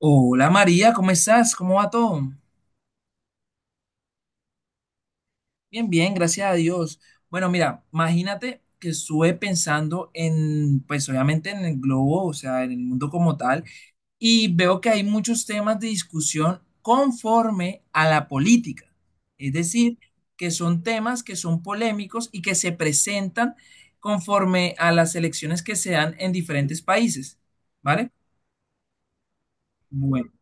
Hola María, ¿cómo estás? ¿Cómo va todo? Bien, bien, gracias a Dios. Bueno, mira, imagínate que estuve pensando en, pues obviamente en el globo, o sea, en el mundo como tal, y veo que hay muchos temas de discusión conforme a la política. Es decir, que son temas que son polémicos y que se presentan conforme a las elecciones que se dan en diferentes países, ¿vale? Bueno.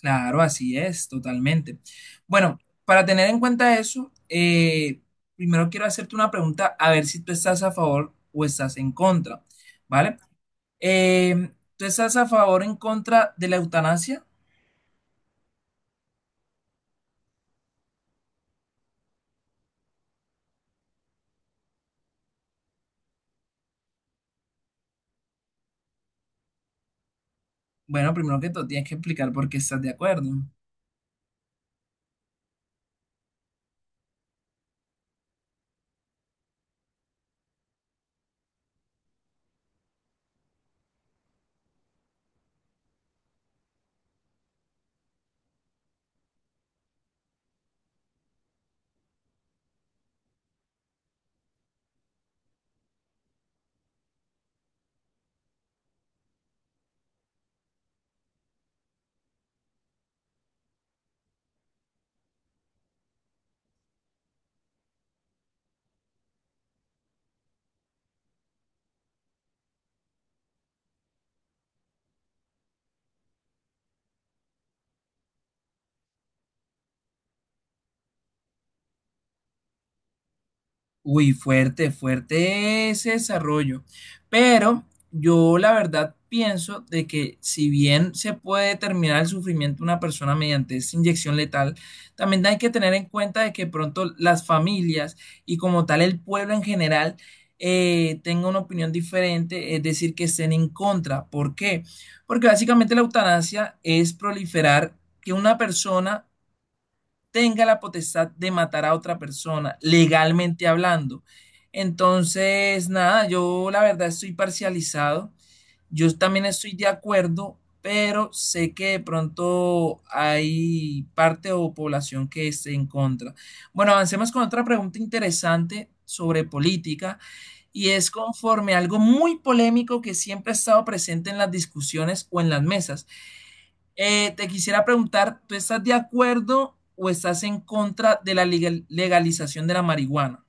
Claro, así es, totalmente. Bueno, para tener en cuenta eso, primero quiero hacerte una pregunta a ver si tú estás a favor o estás en contra, ¿vale? Eh, ¿Tú estás a favor o en contra de la eutanasia? Bueno, primero que todo, tienes que explicar por qué estás de acuerdo. Uy, fuerte, fuerte ese desarrollo. Pero yo la verdad pienso de que si bien se puede determinar el sufrimiento de una persona mediante esta inyección letal, también hay que tener en cuenta de que pronto las familias y como tal el pueblo en general tenga una opinión diferente, es decir, que estén en contra. ¿Por qué? Porque básicamente la eutanasia es proliferar que una persona tenga la potestad de matar a otra persona, legalmente hablando. Entonces, nada, yo la verdad estoy parcializado. Yo también estoy de acuerdo, pero sé que de pronto hay parte o población que esté en contra. Bueno, avancemos con otra pregunta interesante sobre política y es conforme a algo muy polémico que siempre ha estado presente en las discusiones o en las mesas. Te quisiera preguntar, ¿tú estás de acuerdo o estás en contra de la legalización de la marihuana?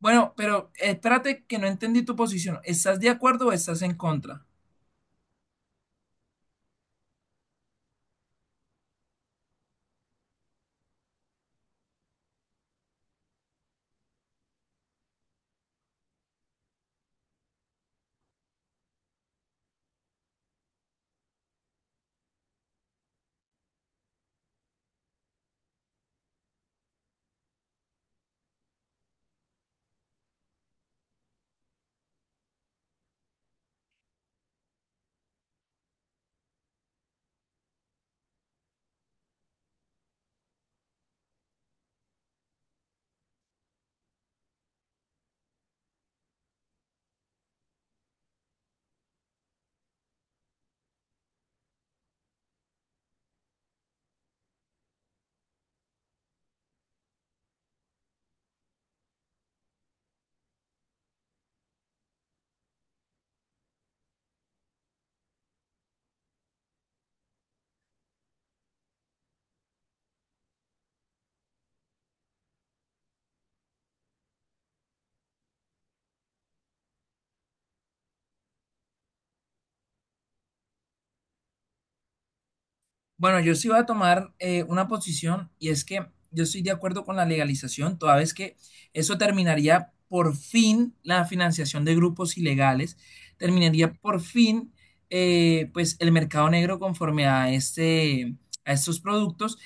Bueno, pero espérate que no entendí tu posición. ¿Estás de acuerdo o estás en contra? Bueno, yo sí voy a tomar una posición y es que yo estoy de acuerdo con la legalización, toda vez que eso terminaría por fin la financiación de grupos ilegales, terminaría por fin pues el mercado negro conforme a este, a estos productos.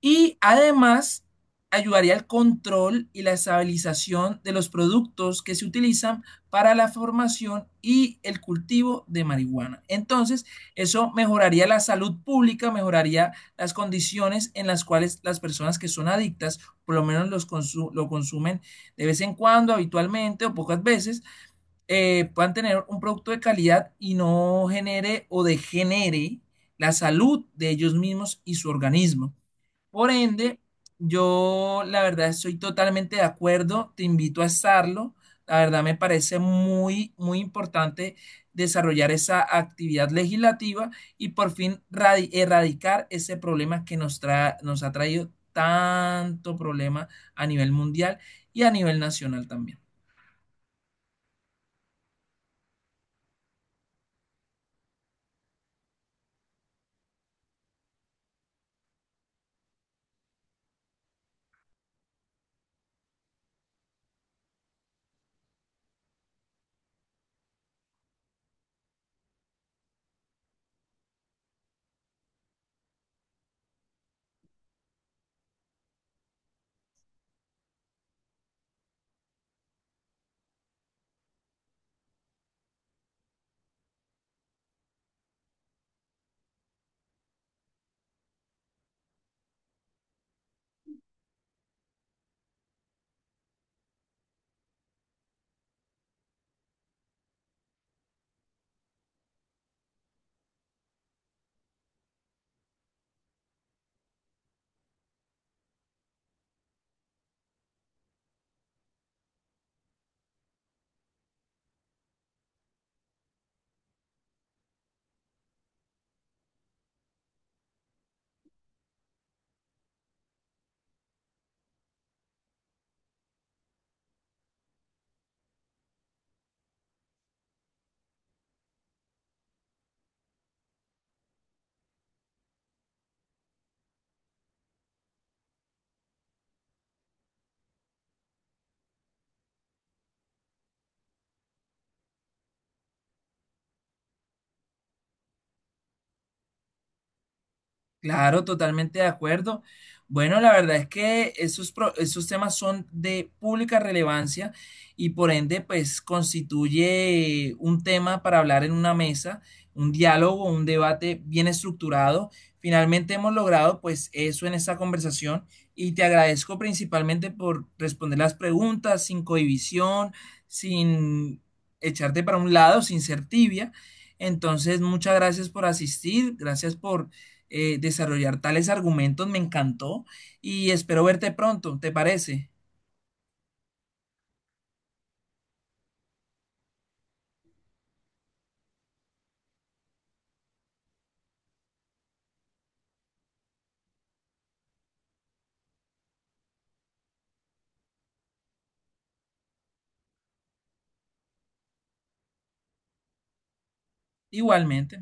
Y además ayudaría al control y la estabilización de los productos que se utilizan para la formación y el cultivo de marihuana. Entonces, eso mejoraría la salud pública, mejoraría las condiciones en las cuales las personas que son adictas, por lo menos lo consumen de vez en cuando, habitualmente o pocas veces, puedan tener un producto de calidad y no genere o degenere la salud de ellos mismos y su organismo. Por ende, yo la verdad estoy totalmente de acuerdo, te invito a estarlo. La verdad me parece muy, muy importante desarrollar esa actividad legislativa y por fin erradicar ese problema que nos ha traído tanto problema a nivel mundial y a nivel nacional también. Claro, totalmente de acuerdo. Bueno, la verdad es que esos temas son de pública relevancia y por ende, pues constituye un tema para hablar en una mesa, un diálogo, un debate bien estructurado. Finalmente hemos logrado pues eso en esta conversación y te agradezco principalmente por responder las preguntas sin cohibición, sin echarte para un lado, sin ser tibia. Entonces, muchas gracias por asistir, gracias por desarrollar tales argumentos. Me encantó y espero verte pronto, ¿te parece? Igualmente.